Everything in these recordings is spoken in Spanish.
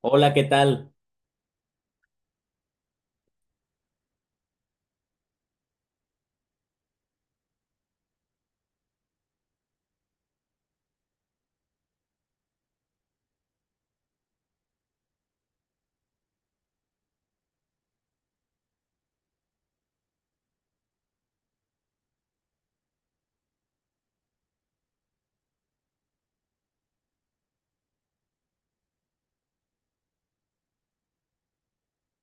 Hola, ¿qué tal?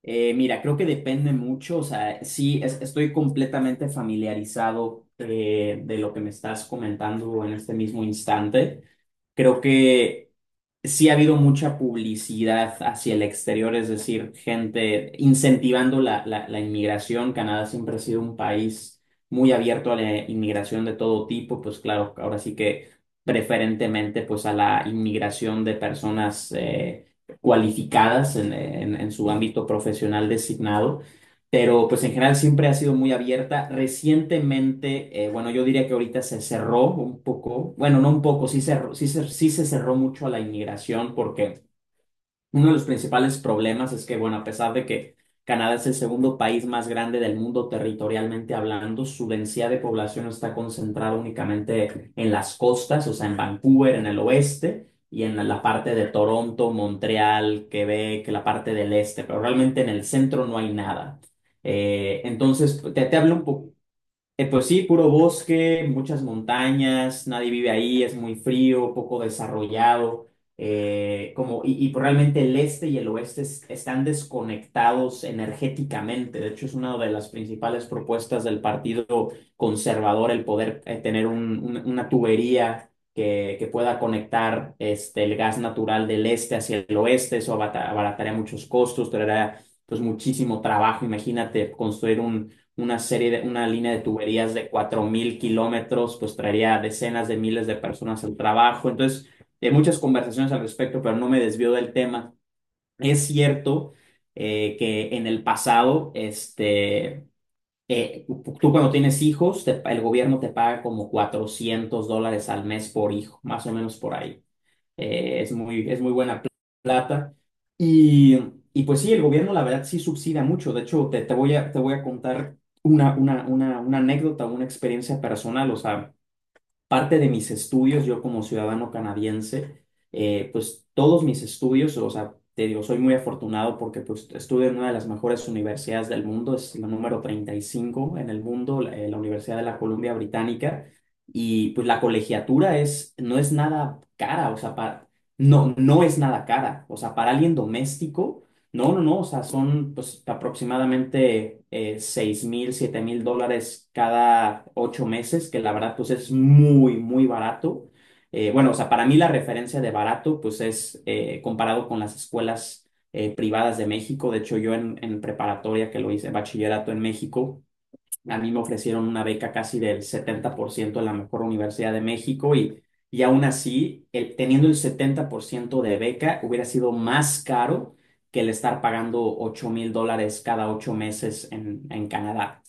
Mira, creo que depende mucho, o sea, sí, estoy completamente familiarizado de lo que me estás comentando en este mismo instante. Creo que sí ha habido mucha publicidad hacia el exterior, es decir, gente incentivando la inmigración. Canadá siempre ha sido un país muy abierto a la inmigración de todo tipo, pues claro, ahora sí que preferentemente pues a la inmigración de personas cualificadas en, en su ámbito profesional designado, pero pues en general siempre ha sido muy abierta. Recientemente, bueno, yo diría que ahorita se cerró un poco, bueno, no un poco, sí, sí se cerró mucho a la inmigración, porque uno de los principales problemas es que, bueno, a pesar de que Canadá es el segundo país más grande del mundo territorialmente hablando, su densidad de población está concentrada únicamente en las costas, o sea, en Vancouver, en el oeste, y en la parte de Toronto, Montreal, Quebec, la parte del este, pero realmente en el centro no hay nada. Entonces, te hablo un poco pues sí, puro bosque, muchas montañas, nadie vive ahí, es muy frío, poco desarrollado, como, y pues realmente el este y el oeste están desconectados energéticamente. De hecho, es una de las principales propuestas del Partido Conservador el poder tener una tubería que pueda conectar, este, el gas natural del este hacia el oeste. Eso abarataría muchos costos, traerá pues muchísimo trabajo. Imagínate construir una línea de tuberías de 4.000 kilómetros; pues traería decenas de miles de personas al trabajo. Entonces, hay muchas conversaciones al respecto, pero no me desvío del tema. Es cierto, que en el pasado, este, eh, tú cuando tienes hijos, el gobierno te paga como 400 dólares al mes por hijo, más o menos por ahí; es muy buena plata. Y, y pues sí, el gobierno la verdad sí subsidia mucho. De hecho, te voy a contar una anécdota, una experiencia personal. O sea, parte de mis estudios, yo como ciudadano canadiense, pues todos mis estudios, o sea, te digo, soy muy afortunado porque pues estudio en una de las mejores universidades del mundo, es la número 35 en el mundo, la Universidad de la Columbia Británica, y pues la colegiatura no es nada cara, o sea, para, no, no es nada cara, o sea, para alguien doméstico. No, no, no, o sea, son pues aproximadamente, 6 mil, 7.000 dólares cada 8 meses, que la verdad pues es muy, muy barato. Bueno, o sea, para mí la referencia de barato pues es, comparado con las escuelas privadas de México. De hecho, yo en, preparatoria que lo hice, bachillerato en México, a mí me ofrecieron una beca casi del 70% en la mejor universidad de México, y aún así, teniendo el 70% de beca, hubiera sido más caro que el estar pagando 8.000 dólares cada 8 meses en, Canadá.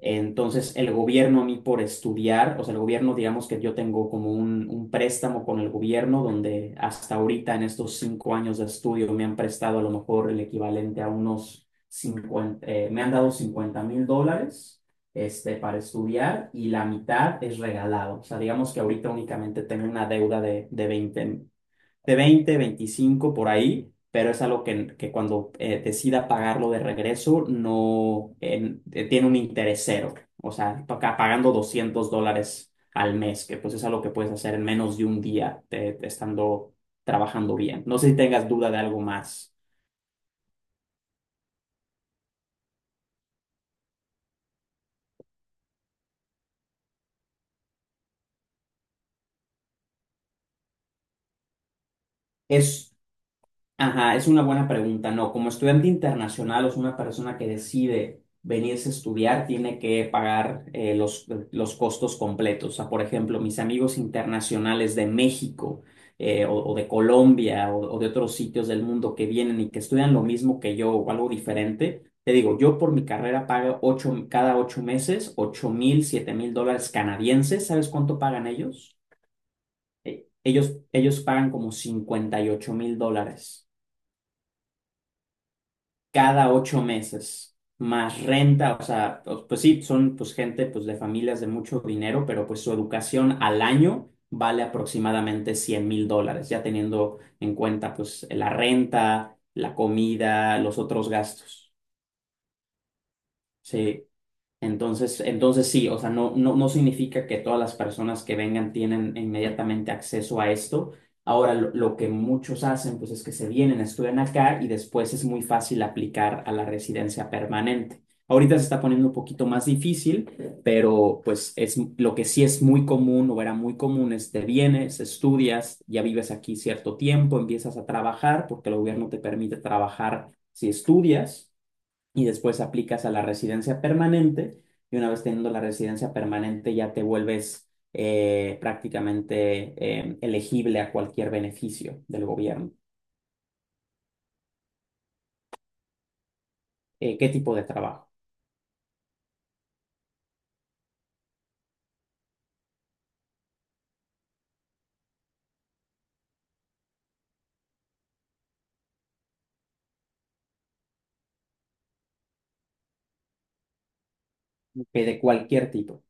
Entonces, el gobierno a mí por estudiar, o sea, el gobierno, digamos que yo tengo como un préstamo con el gobierno, donde hasta ahorita en estos 5 años de estudio me han prestado, a lo mejor, el equivalente a unos cincuenta, me han dado 50.000 dólares, este, para estudiar, y la mitad es regalado. O sea, digamos que ahorita únicamente tengo una deuda de veinte, 25 por ahí, pero es algo que, cuando decida pagarlo de regreso, no tiene un interés; cero, o sea, pagando 200 dólares al mes, que pues es algo que puedes hacer en menos de un día estando trabajando bien. No sé si tengas duda de algo más. Es Ajá, es una buena pregunta. No, como estudiante internacional, o es una persona que decide venirse a estudiar, tiene que pagar los costos completos. O sea, por ejemplo, mis amigos internacionales de México o de Colombia, o de otros sitios del mundo que vienen y que estudian lo mismo que yo o algo diferente, te digo, yo por mi carrera pago cada 8 meses 8.000, 7.000 dólares canadienses. ¿Sabes cuánto pagan ellos? Ellos, pagan como 58.000 dólares cada 8 meses, más renta. O sea, pues sí, son pues gente pues de familias de mucho dinero, pero pues su educación al año vale aproximadamente 100.000 dólares, ya teniendo en cuenta pues la renta, la comida, los otros gastos. Sí. Entonces sí, o sea, no, no, no significa que todas las personas que vengan tienen inmediatamente acceso a esto. Ahora, lo que muchos hacen, pues es que se vienen, estudian acá y después es muy fácil aplicar a la residencia permanente. Ahorita se está poniendo un poquito más difícil, pero pues es lo que sí es muy común, o era muy común, es te vienes, estudias, ya vives aquí cierto tiempo, empiezas a trabajar porque el gobierno te permite trabajar si estudias, y después aplicas a la residencia permanente, y una vez teniendo la residencia permanente ya te vuelves prácticamente elegible a cualquier beneficio del gobierno. ¿Qué tipo de trabajo? De cualquier tipo.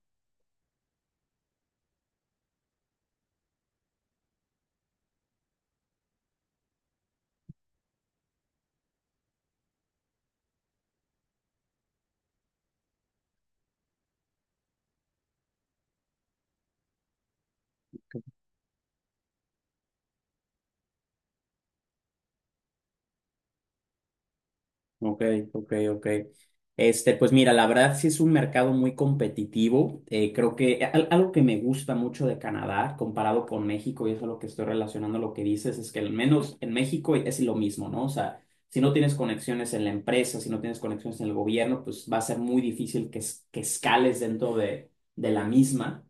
Ok, ok, ok. Este, pues mira, la verdad sí es un mercado muy competitivo. Creo que algo que me gusta mucho de Canadá, comparado con México, y eso es lo que estoy relacionando lo que dices, es que al menos en México es lo mismo, ¿no? O sea, si no tienes conexiones en la empresa, si no tienes conexiones en el gobierno, pues va a ser muy difícil que, que escales dentro de la misma,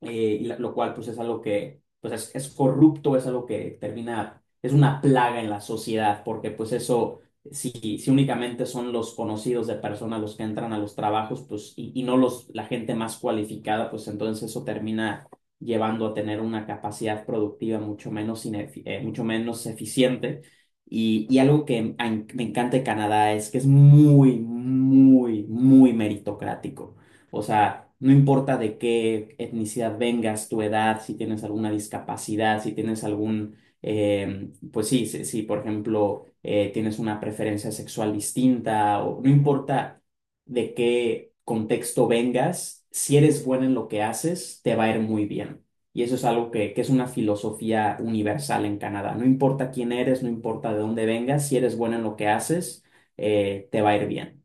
y lo cual pues es algo que pues es corrupto, es algo que termina, es una plaga en la sociedad, porque pues eso, si, si únicamente son los conocidos de personas los que entran a los trabajos, pues y no los, la gente más cualificada, pues entonces eso termina llevando a tener una capacidad productiva mucho menos, mucho menos eficiente. Y algo que me encanta de Canadá es que es muy, muy, muy meritocrático. O sea, no importa de qué etnicidad vengas, tu edad, si tienes alguna discapacidad, si tienes algún, pues sí, si, si, por ejemplo tienes una preferencia sexual distinta, o no importa de qué contexto vengas, si eres bueno en lo que haces, te va a ir muy bien. Y eso es algo que es una filosofía universal en Canadá. No importa quién eres, no importa de dónde vengas, si eres bueno en lo que haces, te va a ir bien.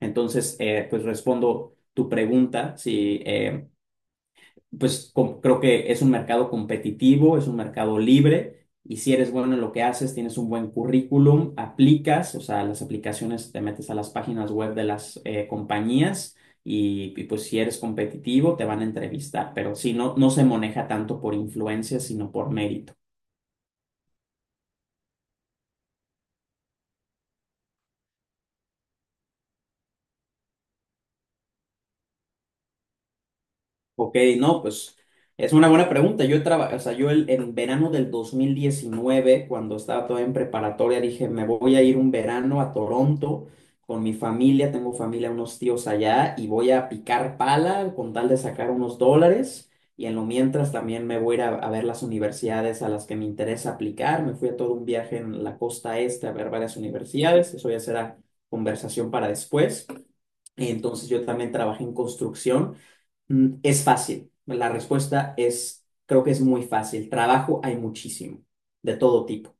Entonces, pues respondo tu pregunta, si, pues creo que es un mercado competitivo, es un mercado libre, y si eres bueno en lo que haces, tienes un buen currículum, aplicas, o sea, las aplicaciones, te metes a las páginas web de las compañías y, pues si eres competitivo te van a entrevistar, pero si no, no se maneja tanto por influencia, sino por mérito. Ok, no, pues es una buena pregunta. O sea, en verano del 2019, cuando estaba todavía en preparatoria, dije, me voy a ir un verano a Toronto con mi familia, tengo familia, unos tíos allá, y voy a picar pala con tal de sacar unos dólares. Y en lo mientras también me voy a ir a ver las universidades a las que me interesa aplicar. Me fui a todo un viaje en la costa este a ver varias universidades. Eso ya será conversación para después. Entonces yo también trabajé en construcción. Es fácil. La respuesta es, creo que es muy fácil. Trabajo hay muchísimo, de todo tipo,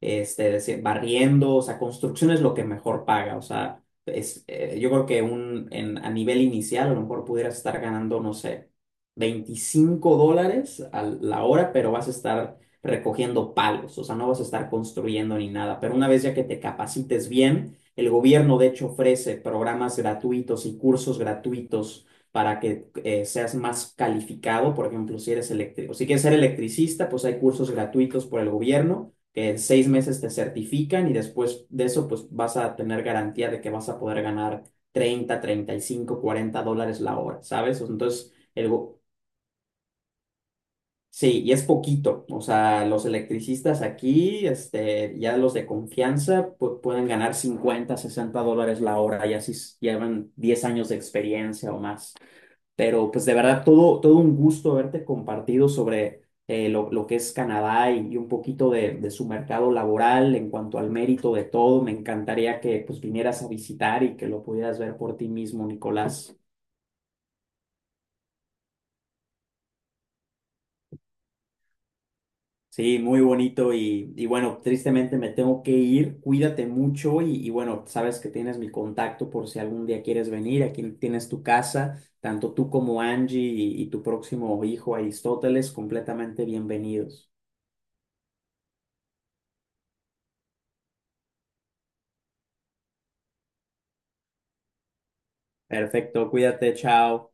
este, decir, barriendo. O sea, construcción es lo que mejor paga, o sea, es, yo creo que a nivel inicial, a lo mejor pudieras estar ganando, no sé, 25 dólares a la hora, pero vas a estar recogiendo palos, o sea, no vas a estar construyendo ni nada, pero una vez ya que te capacites bien, el gobierno de hecho ofrece programas gratuitos y cursos gratuitos para que seas más calificado. Por ejemplo, si eres electrico, si quieres ser electricista, pues hay cursos gratuitos por el gobierno que en 6 meses te certifican, y después de eso pues vas a tener garantía de que vas a poder ganar 30, 35, 40 dólares la hora, ¿sabes? Entonces, sí, y es poquito, o sea, los electricistas aquí, este, ya los de confianza, pueden ganar 50, 60 dólares la hora, ya si llevan 10 años de experiencia o más. Pero pues de verdad, todo, todo un gusto haberte compartido sobre lo, que es Canadá, y un poquito de su mercado laboral en cuanto al mérito de todo. Me encantaría que pues vinieras a visitar y que lo pudieras ver por ti mismo, Nicolás. Sí, muy bonito, y bueno, tristemente me tengo que ir. Cuídate mucho y bueno, sabes que tienes mi contacto por si algún día quieres venir. Aquí tienes tu casa, tanto tú como Angie y tu próximo hijo Aristóteles, completamente bienvenidos. Perfecto, cuídate, chao.